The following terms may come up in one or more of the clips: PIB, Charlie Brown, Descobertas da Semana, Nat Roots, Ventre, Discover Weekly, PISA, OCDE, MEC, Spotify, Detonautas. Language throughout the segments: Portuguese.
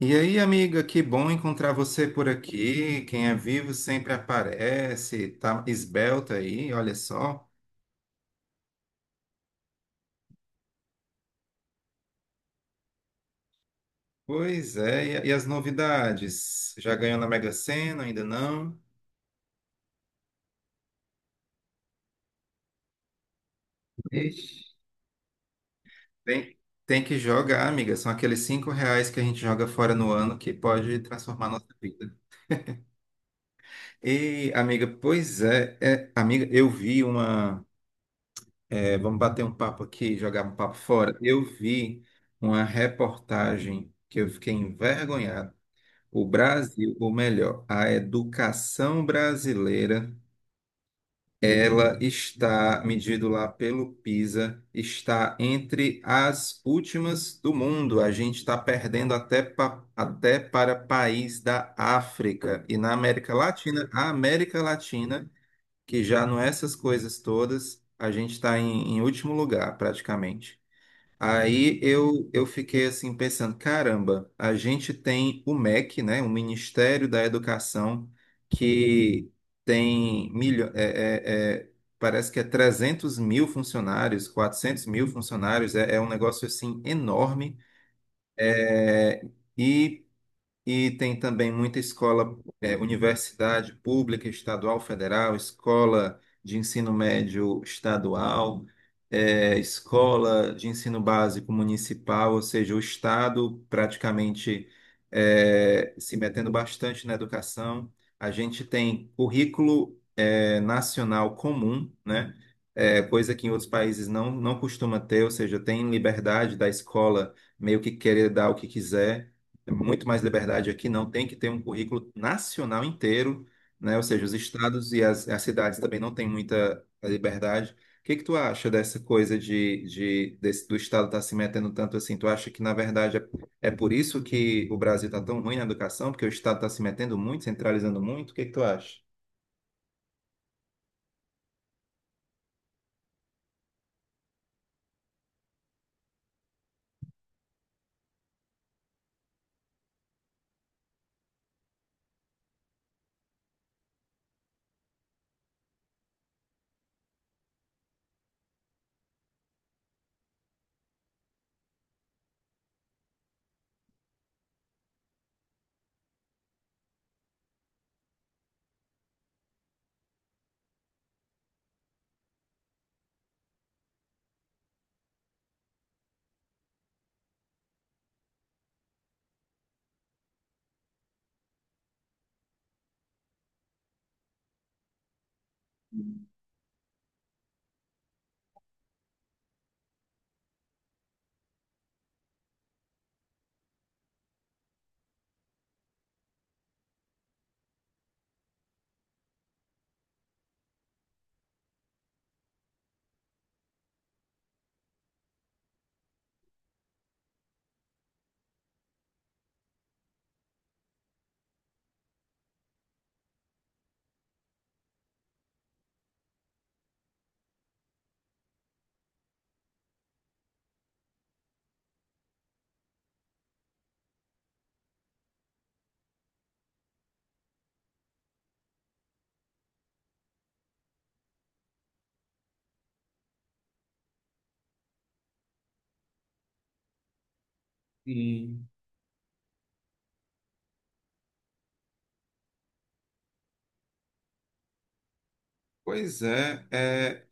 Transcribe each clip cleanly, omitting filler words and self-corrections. E aí, amiga, que bom encontrar você por aqui. Quem é vivo sempre aparece, tá esbelta aí, olha só. Pois é, e as novidades? Já ganhou na Mega Sena? Ainda não? Ixi. Tem, tem que jogar, amiga. São aqueles R$ 5 que a gente joga fora no ano que pode transformar nossa vida. E, amiga, pois é, amiga, eu vi uma. Vamos bater um papo aqui, jogar um papo fora. Eu vi uma reportagem que eu fiquei envergonhado. O Brasil, ou melhor, a educação brasileira, ela está, medido lá pelo PISA, está entre as últimas do mundo. A gente está perdendo até, até para país da África e na América Latina. A América Latina, que já não é essas coisas todas, a gente está em último lugar, praticamente. Aí eu fiquei assim pensando, caramba, a gente tem o MEC, né, o Ministério da Educação, que tem milho, parece que é 300 mil funcionários, 400 mil funcionários, é um negócio assim enorme. é E e tem também muita escola, universidade pública, estadual, federal, escola de ensino médio estadual, escola de ensino básico municipal, ou seja, o Estado praticamente se metendo bastante na educação. A gente tem currículo nacional comum, né? Coisa que em outros países não costuma ter, ou seja, tem liberdade da escola meio que querer dar o que quiser. É muito mais liberdade aqui, não tem que ter um currículo nacional inteiro, né? Ou seja, os estados e as cidades também não têm muita liberdade. O que que tu acha dessa coisa de, do estado estar se metendo tanto assim? Tu acha que, na verdade, é por isso que o Brasil está tão ruim na educação, porque o estado está se metendo muito, centralizando muito? O que que tu acha? Sim. Pois é, é,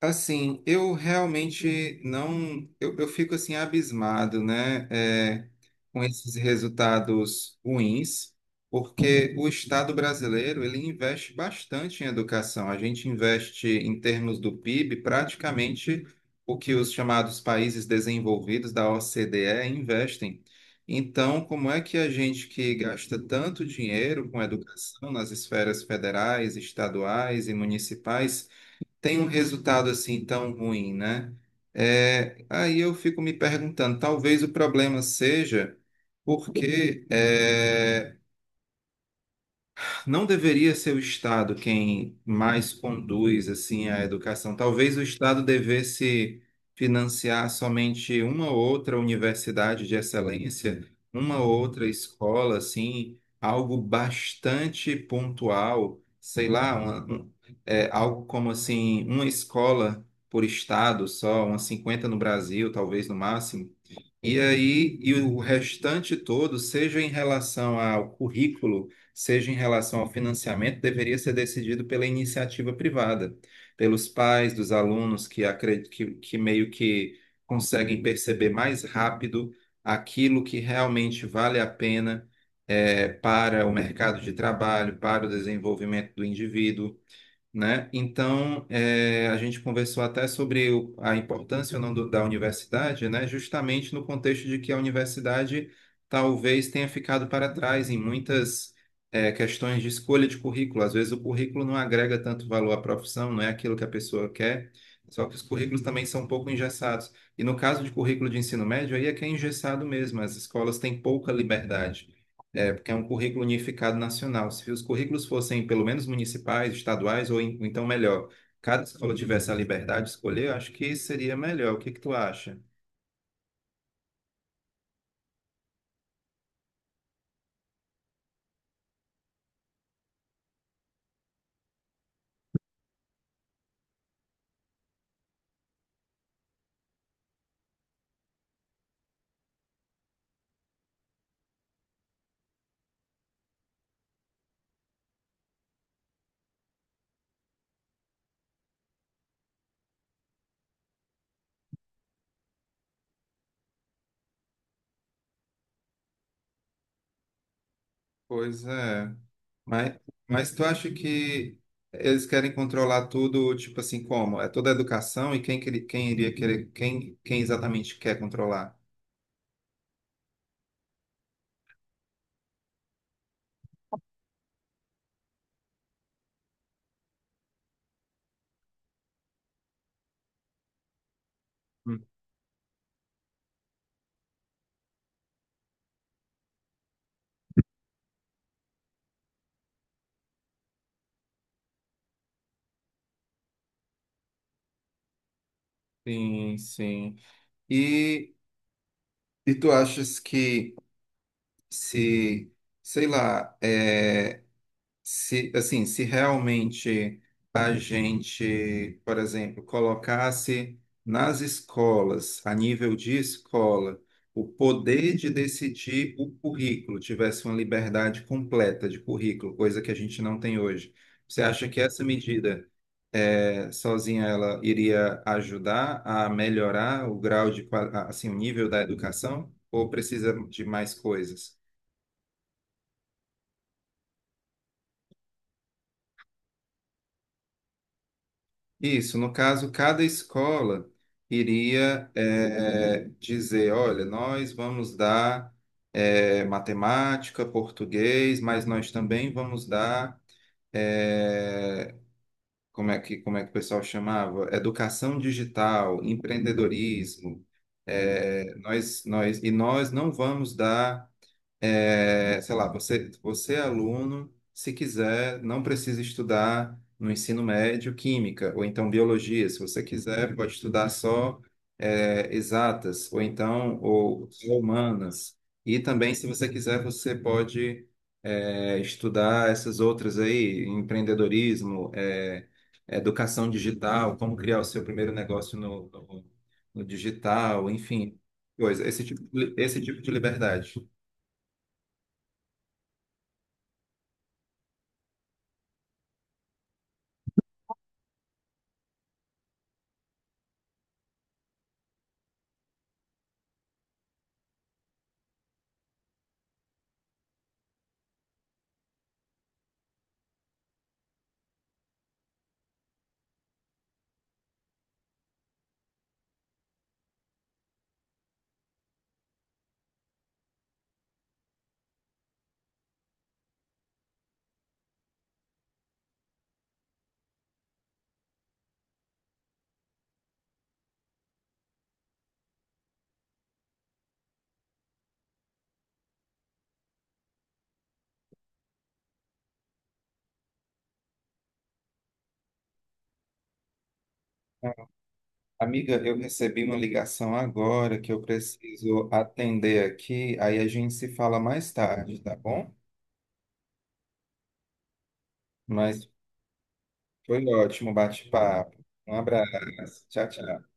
Assim, eu realmente não, eu fico assim abismado, né, com esses resultados ruins, porque o Estado brasileiro ele investe bastante em educação. A gente investe em termos do PIB praticamente o que os chamados países desenvolvidos da OCDE investem. Então, como é que a gente que gasta tanto dinheiro com educação nas esferas federais, estaduais e municipais tem um resultado assim tão ruim, né? É, aí eu fico me perguntando, talvez o problema seja porque não deveria ser o Estado quem mais conduz assim a educação. Talvez o Estado devesse financiar somente uma ou outra universidade de excelência, uma ou outra escola, assim, algo bastante pontual, sei lá, algo como assim, uma escola por estado só, umas 50 no Brasil, talvez no máximo. E aí, e o restante todo, seja em relação ao currículo, seja em relação ao financiamento, deveria ser decidido pela iniciativa privada, pelos pais dos alunos que meio que conseguem perceber mais rápido aquilo que realmente vale a pena para o mercado de trabalho, para o desenvolvimento do indivíduo, né? Então, a gente conversou até sobre a importância ou não da universidade, né? Justamente no contexto de que a universidade talvez tenha ficado para trás em muitas questões de escolha de currículo. Às vezes o currículo não agrega tanto valor à profissão, não é aquilo que a pessoa quer, só que os currículos também são um pouco engessados. E no caso de currículo de ensino médio, aí é que é engessado mesmo, as escolas têm pouca liberdade. É, porque é um currículo unificado nacional. Se os currículos fossem pelo menos municipais, estaduais, ou, ou então melhor, cada escola tivesse a liberdade de escolher, eu acho que seria melhor. O que que tu acha? Pois é. Mas, mas tu acha que eles querem controlar tudo, tipo assim, como? É toda a educação e quem, quem iria querer, quem, quem exatamente quer controlar? Hum. Sim, sim. E, e tu achas que se, sei lá, é. Se, assim, se realmente a gente, por exemplo, colocasse nas escolas, a nível de escola, o poder de decidir o currículo, tivesse uma liberdade completa de currículo, coisa que a gente não tem hoje, você acha que essa medida, sozinha, ela iria ajudar a melhorar o grau de, assim, o nível da educação, ou precisa de mais coisas? Isso, no caso, cada escola iria dizer, olha, nós vamos dar matemática, português, mas nós também vamos dar, eh, como é que o pessoal chamava? Educação digital, empreendedorismo. Nós não vamos dar sei lá, você, é aluno, se quiser, não precisa estudar no ensino médio química, ou então biologia, se você quiser, pode estudar só exatas, ou só humanas. E também, se você quiser, você pode estudar essas outras aí, empreendedorismo, educação digital, como criar o seu primeiro negócio no, digital, enfim, coisa, esse tipo de liberdade. Amiga, eu recebi uma ligação agora que eu preciso atender aqui, aí a gente se fala mais tarde, tá bom? Mas foi ótimo o bate-papo. Um abraço. Tchau, tchau.